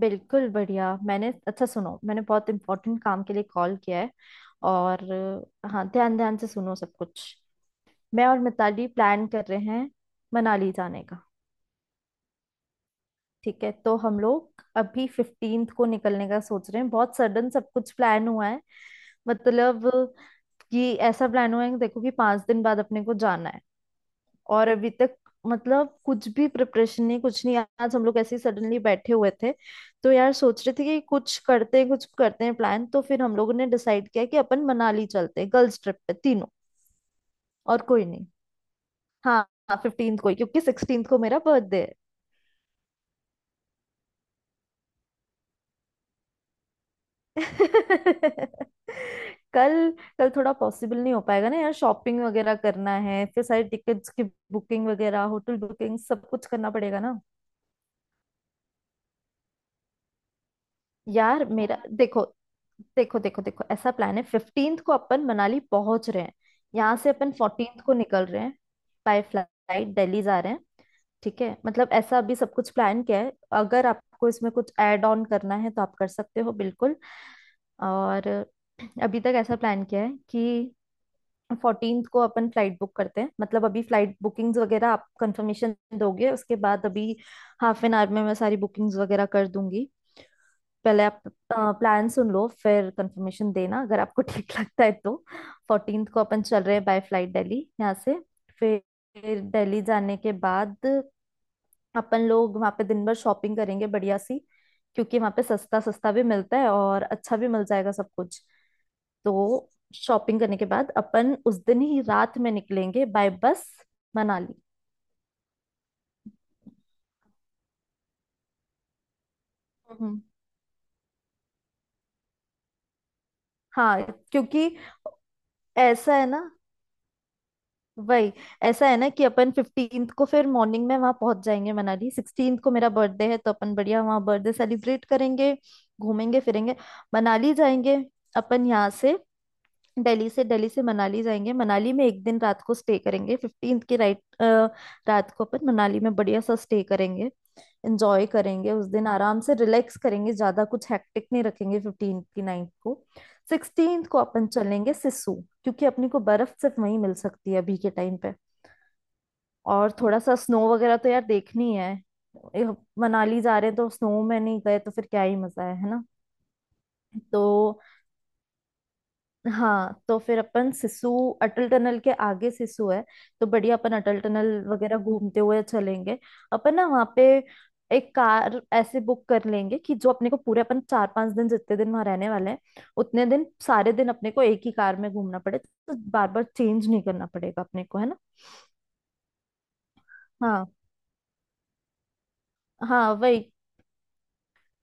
बिल्कुल बढ़िया। मैंने, अच्छा सुनो, मैंने बहुत इम्पोर्टेंट काम के लिए कॉल किया है। और हाँ, ध्यान ध्यान से सुनो सब कुछ। मैं और मिताली प्लान कर रहे हैं मनाली जाने का। ठीक है, तो हम लोग अभी फिफ्टींथ को निकलने का सोच रहे हैं। बहुत सडन सब कुछ प्लान हुआ है। मतलब कि ऐसा प्लान हुआ है कि देखो कि पांच दिन बाद अपने को जाना है, और अभी तक मतलब कुछ भी प्रिपरेशन नहीं, कुछ नहीं। आज हम लोग ऐसे ही सडनली बैठे हुए थे, तो यार सोच रहे थे कि कुछ करते हैं, कुछ करते हैं प्लान। तो फिर हम लोगों ने डिसाइड किया कि अपन मनाली चलते हैं गर्ल्स ट्रिप पे, तीनों। और कोई नहीं। हाँ। हाँ, 15th को ही, क्योंकि 16th को मेरा बर्थडे है। कल, कल थोड़ा पॉसिबल नहीं हो पाएगा ना यार। शॉपिंग वगैरह करना है, फिर सारी टिकट्स की बुकिंग वगैरह, होटल बुकिंग सब कुछ करना पड़ेगा ना। यार मेरा देखो, देखो देखो देखो, ऐसा प्लान है। फिफ्टींथ को अपन मनाली पहुंच रहे हैं। यहाँ से अपन फोर्टींथ को निकल रहे हैं। बाय फ्लाइट दिल्ली जा रहे हैं। ठीक है, मतलब ऐसा अभी सब कुछ प्लान किया है। अगर आपको इसमें कुछ ऐड ऑन करना है तो आप कर सकते हो बिल्कुल। और अभी तक ऐसा प्लान किया है कि फोर्टीन को अपन फ्लाइट बुक करते हैं। मतलब अभी फ्लाइट बुकिंग्स वगैरह आप कंफर्मेशन दोगे, उसके बाद अभी हाफ एन आवर में मैं सारी बुकिंग्स वगैरह कर दूंगी। पहले आप प्लान सुन लो, फिर कंफर्मेशन देना अगर आपको ठीक लगता है तो। फोर्टीन को अपन चल रहे हैं बाय फ्लाइट दिल्ली, यहाँ से। फिर दिल्ली जाने के बाद अपन लोग वहाँ पे दिन भर शॉपिंग करेंगे बढ़िया सी। क्योंकि वहाँ पे सस्ता सस्ता भी मिलता है और अच्छा भी मिल जाएगा सब कुछ। तो शॉपिंग करने के बाद अपन उस दिन ही रात में निकलेंगे बाय बस, मनाली। हम्म। हाँ। क्योंकि ऐसा है ना, वही, ऐसा है ना कि अपन फिफ्टींथ को फिर मॉर्निंग में वहां पहुंच जाएंगे मनाली। सिक्सटींथ को मेरा बर्थडे है, तो अपन बढ़िया वहां बर्थडे सेलिब्रेट करेंगे। घूमेंगे फिरेंगे, मनाली जाएंगे। अपन यहाँ से दिल्ली से, दिल्ली से मनाली जाएंगे। मनाली में एक दिन रात को स्टे करेंगे, फिफ्टींथ की राइट। रात को अपन मनाली में बढ़िया सा स्टे करेंगे, एंजॉय करेंगे। उस दिन आराम से रिलैक्स करेंगे, ज्यादा कुछ हैक्टिक नहीं रखेंगे फिफ्टींथ की नाइट को। सिक्सटींथ को अपन चलेंगे सिसु, क्योंकि अपने को बर्फ सिर्फ वहीं मिल सकती है अभी के टाइम पे। और थोड़ा सा स्नो वगैरह तो यार देखनी है ये। मनाली जा रहे हैं तो स्नो में नहीं गए तो फिर क्या ही मजा है ना। तो हाँ, तो फिर अपन सिसु। अटल टनल के आगे सिसु है, तो बढ़िया अपन अटल टनल वगैरह घूमते हुए चलेंगे। अपन ना वहाँ पे एक कार ऐसे बुक कर लेंगे, कि जो अपने को पूरे अपन चार पांच दिन जितने दिन वहां रहने वाले हैं, उतने दिन सारे दिन अपने को एक ही कार में घूमना पड़े, तो बार बार चेंज नहीं करना पड़ेगा अपने को, है ना। हाँ, हाँ वही।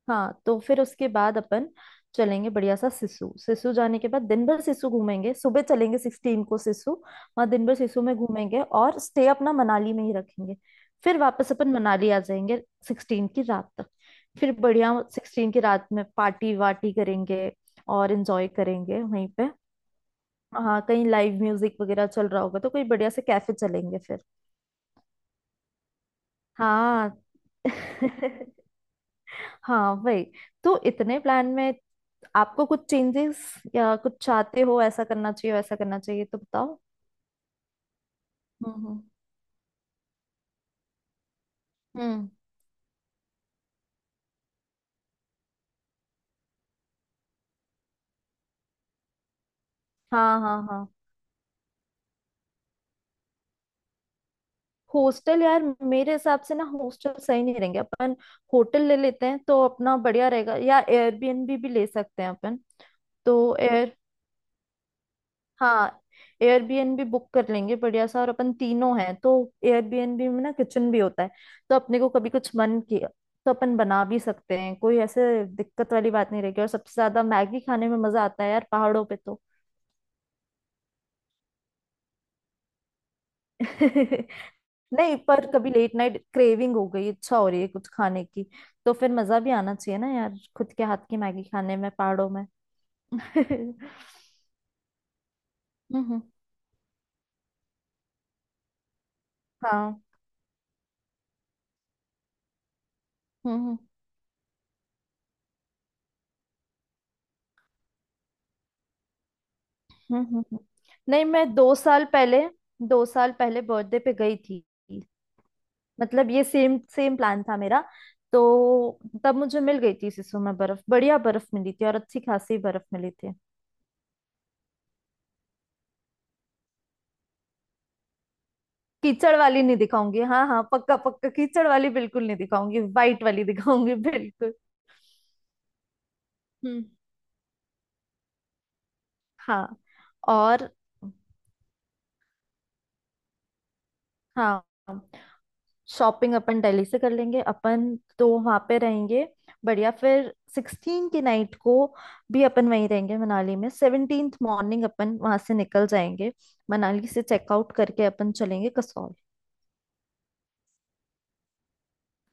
हाँ, तो फिर उसके बाद अपन चलेंगे बढ़िया सा सिसु। सिसु जाने के बाद दिन भर सिसु घूमेंगे। सुबह चलेंगे सिक्सटीन को सिसु, वहाँ दिन भर सिसु में घूमेंगे और स्टे अपना मनाली में ही रखेंगे। फिर वापस अपन मनाली आ जाएंगे, सिक्सटीन की रात तक। फिर बढ़िया सिक्सटीन की रात में पार्टी वार्टी करेंगे और एंजॉय करेंगे वहीं पे। हाँ, कहीं लाइव म्यूजिक वगैरह चल रहा होगा तो कोई बढ़िया से कैफे चलेंगे फिर। हाँ। हाँ वही। तो इतने प्लान में आपको कुछ चेंजेस या कुछ चाहते हो ऐसा करना चाहिए वैसा करना चाहिए तो बताओ। हम्म। हम्म। हम्म। हाँ हाँ हाँ। हॉस्टल यार, मेरे हिसाब से ना हॉस्टल सही नहीं रहेंगे अपन। होटल ले लेते हैं तो अपना बढ़िया रहेगा, या एयरबीएनबी भी ले सकते हैं अपन। तो एयर, हाँ, एयरबीएनबी बुक कर लेंगे बढ़िया सा, और अपन तीनों हैं तो एयरबीएनबी में ना किचन भी होता है। तो अपने को कभी कुछ मन किया तो अपन बना भी सकते हैं, कोई ऐसे दिक्कत वाली बात नहीं रहेगी। और सबसे ज्यादा मैगी खाने में मजा आता है यार पहाड़ों पे तो। नहीं, पर कभी लेट नाइट क्रेविंग हो गई, इच्छा हो रही है कुछ खाने की, तो फिर मजा भी आना चाहिए ना यार, खुद के हाथ की मैगी खाने में पहाड़ों में। हम्म। हाँ। हम्म। हम्म। हम्म। हम्म। नहीं, मैं दो साल पहले, दो साल पहले बर्थडे पे गई थी, मतलब ये सेम सेम प्लान था मेरा। तो तब मुझे मिल गई थी सिसु में बर्फ, बढ़िया बर्फ मिली थी, और अच्छी खासी बर्फ मिली थी। कीचड़ वाली नहीं दिखाऊंगी, हाँ हाँ पक्का पक्का, कीचड़ वाली बिल्कुल नहीं दिखाऊंगी, वाइट वाली दिखाऊंगी बिल्कुल। हम्म। हाँ। और हाँ, शॉपिंग अपन दिल्ली से कर लेंगे अपन, तो वहां पे रहेंगे बढ़िया। फिर सिक्सटीन की नाइट को भी अपन वहीं रहेंगे मनाली में। 17th मॉर्निंग अपन वहां से निकल जाएंगे, मनाली से चेकआउट करके अपन चलेंगे कसौल।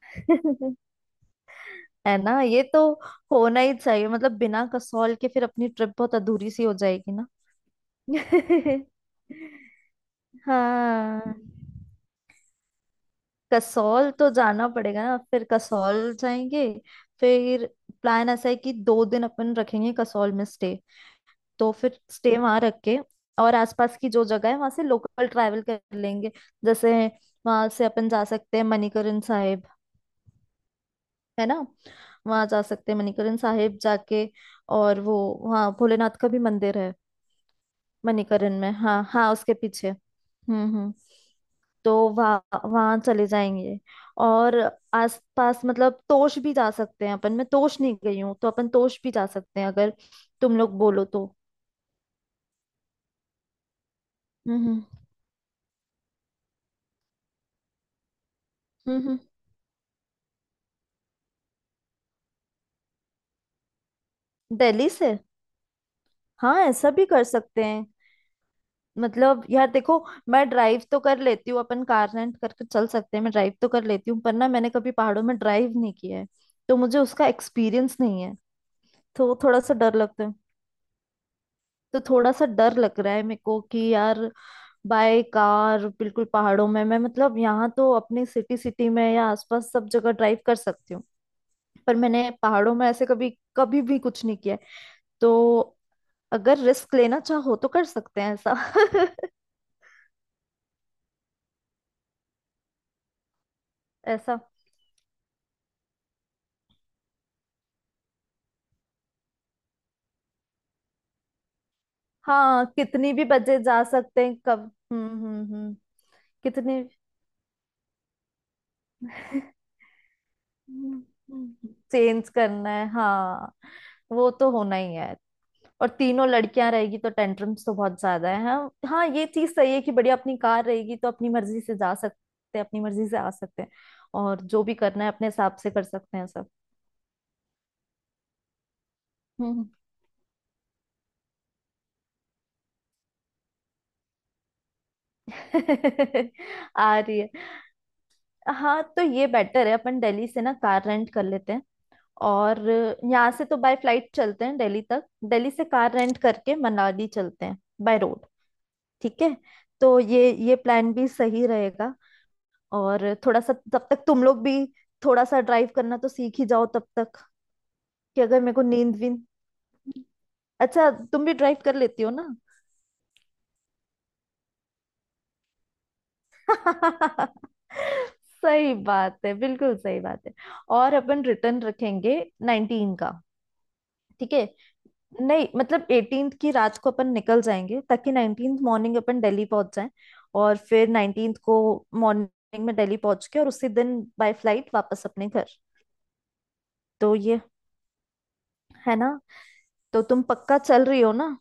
है ना, ये तो होना ही चाहिए, मतलब बिना कसौल के फिर अपनी ट्रिप बहुत अधूरी सी हो जाएगी। हाँ। कसौल तो जाना पड़ेगा ना, फिर कसौल जाएंगे। फिर प्लान ऐसा है कि दो दिन अपन रखेंगे कसौल में स्टे। तो फिर स्टे वहां रख के और आसपास की जो जगह है वहां से लोकल ट्रैवल कर लेंगे। जैसे वहां से अपन जा सकते हैं मणिकरण साहिब, है ना। वहां जा सकते हैं मणिकरण साहिब जाके। और वो, वहाँ भोलेनाथ का भी मंदिर है, मणिकरण में। हाँ हाँ, उसके पीछे। हम्म। हम्म। तो वहाँ वहां चले जाएंगे। और आसपास, मतलब तोश भी जा सकते हैं अपन, मैं तोश नहीं गई हूँ, तो अपन तोश भी जा सकते हैं अगर तुम लोग बोलो तो। हम्म। हम्म। हम्म। हम्म। दिल्ली से, हाँ, ऐसा भी कर सकते हैं। मतलब यार देखो, मैं ड्राइव तो कर लेती हूँ, अपन कार रेंट करके चल सकते हैं, मैं ड्राइव तो कर लेती हूँ, पर ना मैंने कभी पहाड़ों में ड्राइव नहीं किया है। तो मुझे उसका एक्सपीरियंस नहीं है। तो थोड़ा सा डर लगता है, तो थोड़ा सा डर लग रहा है मेरे को कि यार, बाय कार बिल्कुल पहाड़ों में मैं, मतलब यहाँ तो अपनी सिटी सिटी में या आसपास सब जगह ड्राइव कर सकती हूँ, पर मैंने पहाड़ों में ऐसे कभी कभी भी कुछ नहीं किया है। तो अगर रिस्क लेना चाहो तो कर सकते हैं ऐसा। ऐसा, हाँ, कितनी भी बजे जा सकते हैं, कब। हम्म। हम्म। हम्म। कितने चेंज करना है, हाँ, वो तो होना ही है, और तीनों लड़कियां रहेगी तो टेंट्रम्स तो बहुत ज्यादा है। हाँ हाँ, ये चीज सही है कि बड़ी अपनी कार रहेगी तो अपनी मर्जी से जा सकते हैं, अपनी मर्जी से आ सकते हैं, और जो भी करना है अपने हिसाब से कर सकते हैं सब। हम्म। आ रही है। हाँ, तो ये बेटर है, अपन दिल्ली से ना कार रेंट कर लेते हैं। और यहाँ से तो बाय फ्लाइट चलते हैं दिल्ली तक, दिल्ली से कार रेंट करके मनाली चलते हैं, बाय रोड। ठीक है, तो ये प्लान भी सही रहेगा, और थोड़ा सा तब तक तुम लोग भी थोड़ा सा ड्राइव करना तो सीख ही जाओ तब तक, कि अगर मेरे को नींद वींद। अच्छा, तुम भी ड्राइव कर लेती हो ना। सही बात है, बिल्कुल सही बात है। और अपन रिटर्न रखेंगे नाइनटीन का। ठीक है। नहीं मतलब एटीन की रात को अपन निकल जाएंगे, ताकि नाइनटीन मॉर्निंग अपन दिल्ली पहुंच जाएं, और फिर नाइनटीन को मॉर्निंग में दिल्ली पहुंच के और उसी दिन बाय फ्लाइट वापस अपने घर। तो ये, है ना। तो तुम पक्का चल रही हो ना।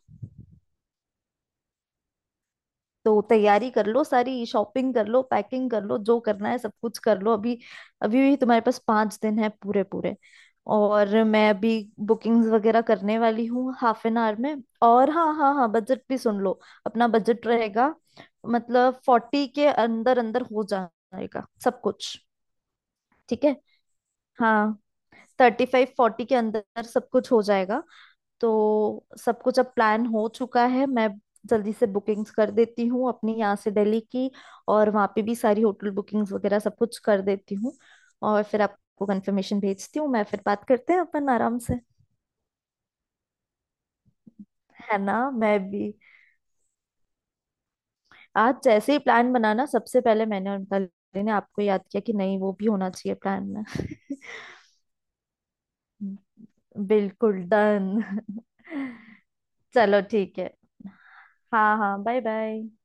तो तैयारी कर लो, सारी शॉपिंग कर लो, पैकिंग कर लो, जो करना है सब कुछ कर लो अभी। अभी भी तुम्हारे पास पांच दिन है, पूरे पूरे। और मैं अभी बुकिंग्स वगैरह करने वाली हूँ हाफ एन आवर में। और हाँ हाँ हाँ, बजट भी सुन लो। अपना बजट रहेगा, मतलब फोर्टी के अंदर अंदर हो जाएगा सब कुछ। ठीक है। हाँ, थर्टी फाइव फोर्टी के अंदर सब कुछ हो जाएगा। तो सब कुछ अब प्लान हो चुका है, मैं जल्दी से बुकिंग्स कर देती हूँ अपनी यहाँ से दिल्ली की और वहाँ पे भी सारी होटल बुकिंग्स वगैरह सब कुछ कर देती हूँ, और फिर आपको कंफर्मेशन भेजती हूँ। मैं फिर बात करते हैं अपन आराम से। है ना, मैं भी आज जैसे ही प्लान बनाना, सबसे पहले मैंने और मिताली ने आपको याद किया कि नहीं वो भी होना चाहिए प्लान में। बिल्कुल डन। चलो ठीक है। हाँ हाँ बाय बाय।